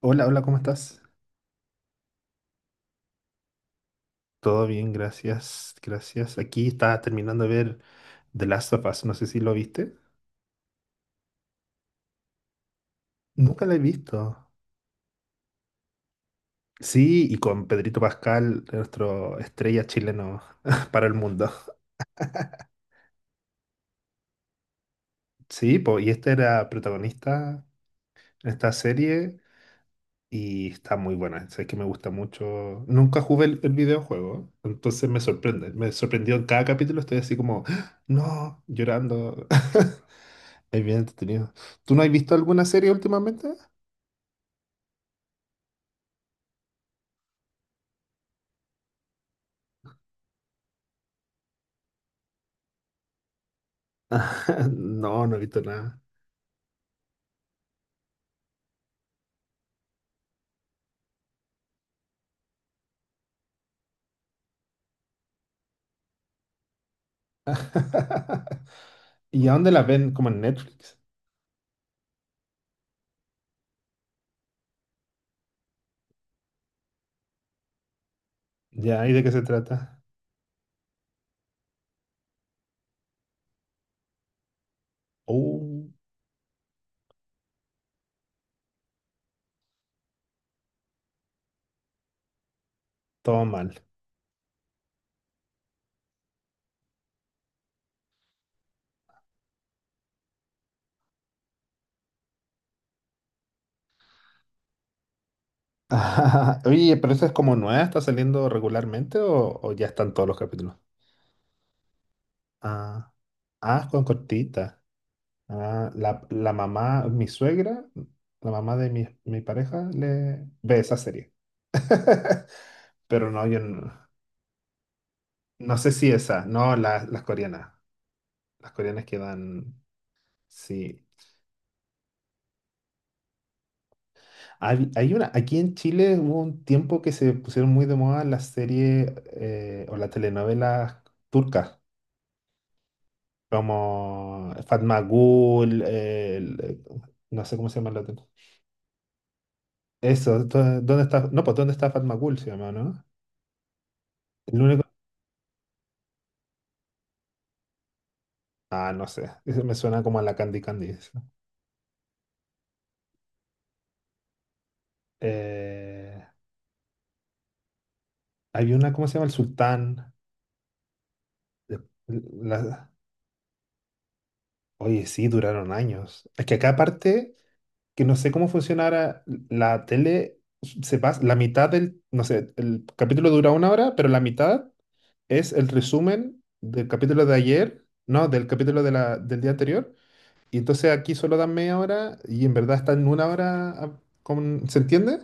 Hola, hola, ¿cómo estás? Todo bien, gracias, gracias. Aquí estaba terminando de ver The Last of Us, no sé si lo viste. Nunca la he visto. Sí, y con Pedrito Pascal, nuestro estrella chileno para el mundo. Sí, po, y este era protagonista en esta serie y está muy buena. Sé que me gusta mucho. Nunca jugué el videojuego, entonces me sorprende. Me sorprendió en cada capítulo, estoy así como, ¡Ah! No, llorando. Es bien entretenido. ¿Tú no has visto alguna serie últimamente? No, no he visto nada. ¿Y a dónde la ven? Como en Netflix. Ya, ¿y de qué se trata? Uh, todo mal. Oye, pero esa es como nueva, ¿está saliendo regularmente o ya están todos los capítulos? Ah, ah, con cortita. Ah, la mamá, mi suegra, la mamá de mi pareja, le ve esa serie. Pero no, yo no, no sé si esa, no, las coreanas. Las coreanas que dan, sí. Hay una, aquí en Chile hubo un tiempo que se pusieron muy de moda las series o las telenovelas turcas, como Fatma Gul, no sé cómo se llama la otra. Eso, ¿dónde está? No, pues ¿dónde está Fatma Gul? Se llama, ¿no? El único. Ah, no sé. Eso me suena como a la Candy Candy, eso. Eh, había una, ¿cómo se llama? El Sultán. de- la- oye, sí, duraron años. Es que acá aparte. Que no sé cómo funcionara la tele, se pasa la mitad del, no sé, el capítulo dura una hora, pero la mitad es el resumen del capítulo de ayer, no, del capítulo de del día anterior, y entonces aquí solo dan media hora y en verdad están una hora, ¿se entiende?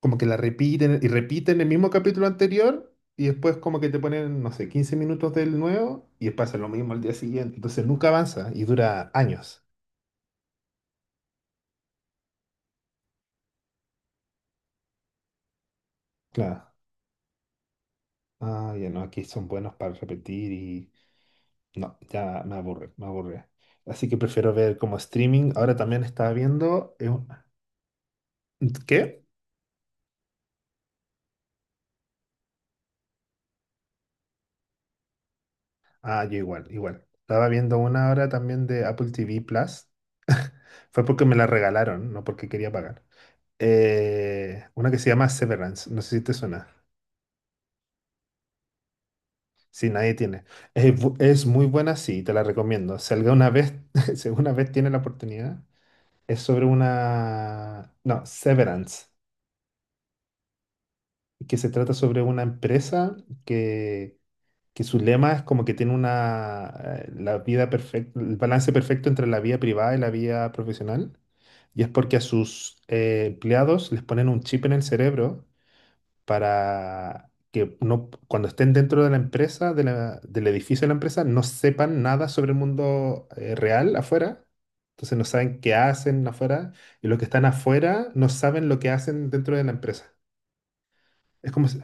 Como que la repiten y repiten el mismo capítulo anterior. Y después como que te ponen, no sé, 15 minutos del nuevo y pasa lo mismo al día siguiente. Entonces nunca avanza y dura años. Claro. Ah, ya no, aquí son buenos para repetir y no, ya me aburre, me aburre. Así que prefiero ver como streaming. Ahora también estaba viendo. ¿Qué? Ah, yo igual, igual. Estaba viendo una hora también de Apple TV Plus. Fue porque me la regalaron, no porque quería pagar. Una que se llama Severance, no sé si te suena. Si nadie tiene. Es muy buena, sí, te la recomiendo. Si alguna vez, si alguna vez tiene la oportunidad, es sobre una. No, Severance. Que se trata sobre una empresa que, que su lema es como que tiene la vida perfecta, el balance perfecto entre la vida privada y la vida profesional. Y es porque a sus empleados les ponen un chip en el cerebro para que no, cuando estén dentro de la empresa, del edificio de la empresa, no sepan nada sobre el mundo real afuera. Entonces no saben qué hacen afuera y los que están afuera no saben lo que hacen dentro de la empresa. Es como,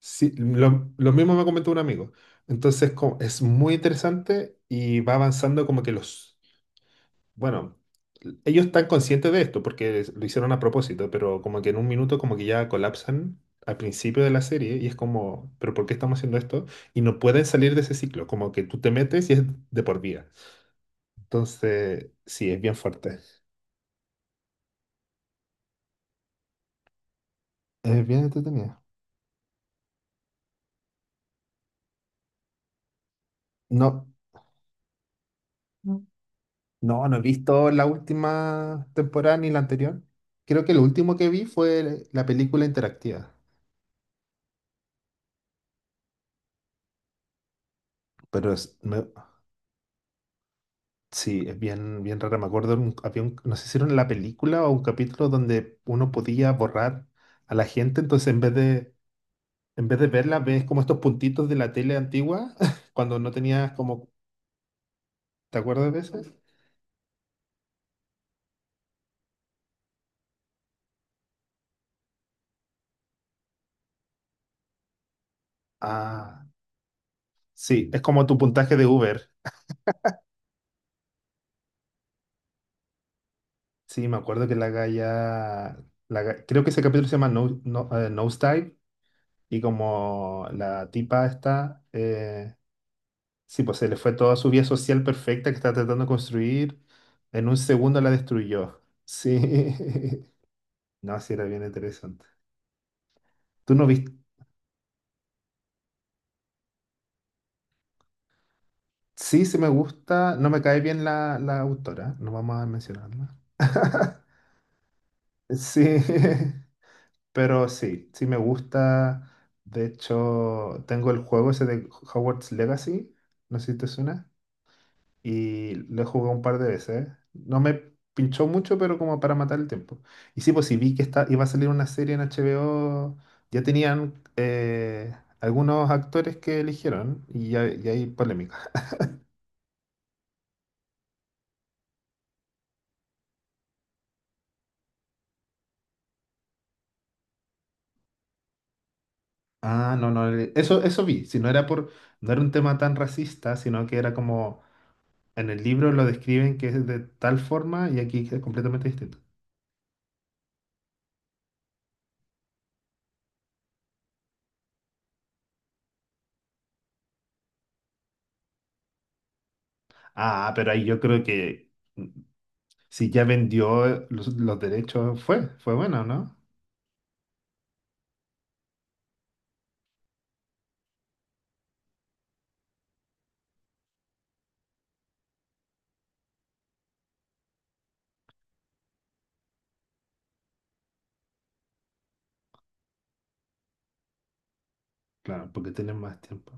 sí, lo mismo me comentó un amigo. Entonces, es muy interesante y va avanzando como que bueno, ellos están conscientes de esto porque lo hicieron a propósito, pero como que en un minuto como que ya colapsan al principio de la serie y es como, pero ¿por qué estamos haciendo esto? Y no pueden salir de ese ciclo, como que tú te metes y es de por vida. Entonces, sí, es bien fuerte. Es bien entretenido. No. No, no he visto la última temporada ni la anterior. Creo que lo último que vi fue la película interactiva. Pero sí, es bien, bien rara. Me acuerdo, había no sé si era en la película o un capítulo donde uno podía borrar a la gente. Entonces, en vez de verla, ves como estos puntitos de la tele antigua, cuando no tenías como, ¿te acuerdas de eso? Ah, sí, es como tu puntaje de Uber. Sí, me acuerdo que la galla, la ga- creo que ese capítulo se llama No, No, Nosedive. Y como la tipa está, sí, pues se le fue toda su vida social perfecta que estaba tratando de construir, en un segundo la destruyó. Sí, no, sí, era bien interesante. ¿Tú no viste? Sí, sí me gusta, no me cae bien la autora, no vamos a mencionarla. Sí, pero sí, sí me gusta. De hecho, tengo el juego ese de Hogwarts Legacy, no sé si te suena. Y lo he jugado un par de veces. No me pinchó mucho, pero como para matar el tiempo. Y sí, pues sí vi que está, iba a salir una serie en HBO, ya tenían algunos actores que eligieron y hay polémica. Ah, no, no, eso, eso vi. Si no era por, no era un tema tan racista, sino que era como en el libro lo describen que es de tal forma y aquí es completamente distinto. Ah, pero ahí yo creo que si ya vendió los derechos, fue bueno, ¿no? Claro, porque tienen más tiempo.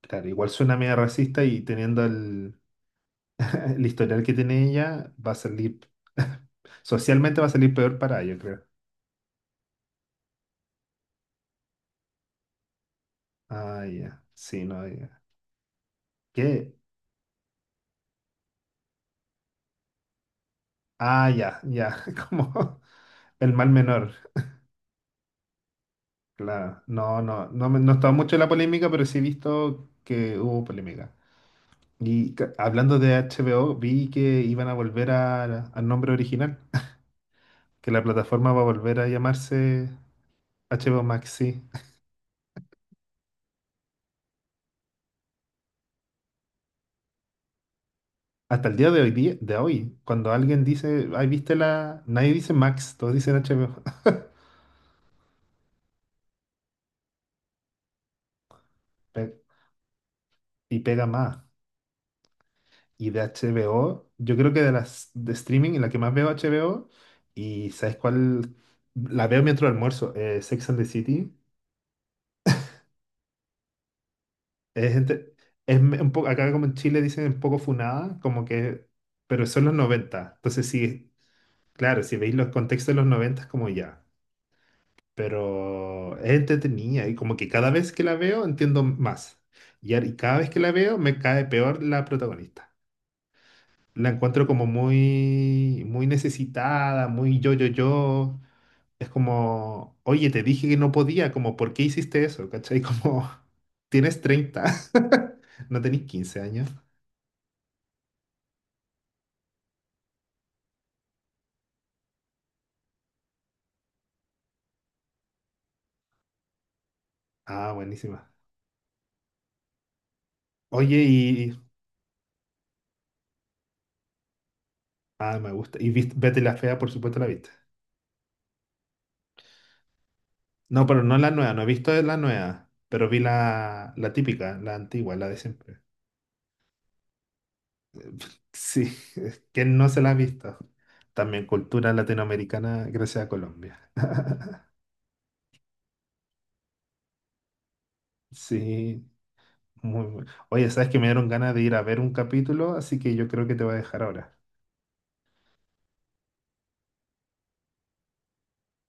Claro, igual suena medio racista y teniendo el, el historial que tiene ella, va a salir, socialmente va a salir peor para ella, creo. Ah, ya, sí, no, ya. ¿Qué? Ah, ya, ya, como el mal menor. Claro, no, no, no, no he estado mucho en la polémica, pero sí he visto que hubo polémica. Y hablando de HBO, vi que iban a volver al nombre original, que la plataforma va a volver a llamarse HBO Max, sí. Hasta el día de hoy, de hoy, cuando alguien dice, ay, viste la. Nadie dice Max, todos dicen HBO. Pe- y pega más. Y de HBO, yo creo que de las de streaming, la que más veo HBO, y ¿sabes cuál? La veo mientras almuerzo, Sex and the City. Es, gente, es un poco, acá como en Chile dicen un poco funada, como que, pero son los noventa. Entonces, sí, claro, si veis los contextos de los 90 es como ya. Pero es entretenida y como que cada vez que la veo entiendo más. Y cada vez que la veo me cae peor la protagonista. La encuentro como muy, muy necesitada, muy yo, yo, yo. Es como, oye, te dije que no podía, como, ¿por qué hiciste eso? ¿Cachai? Como, tienes 30, no tenés 15 años. Ah, buenísima. Oye, y. Ah, me gusta. Y Betty la Fea, por supuesto, la viste. No, pero no la nueva, no he visto la nueva, pero vi la típica, la antigua, la de siempre. Sí, ¿quién no se la ha visto? También cultura latinoamericana gracias a Colombia. Sí, muy bueno. Oye, sabes que me dieron ganas de ir a ver un capítulo, así que yo creo que te voy a dejar ahora.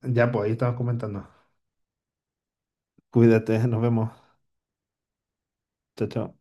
Ya, pues ahí estamos comentando. Cuídate, nos vemos. Chao, chao.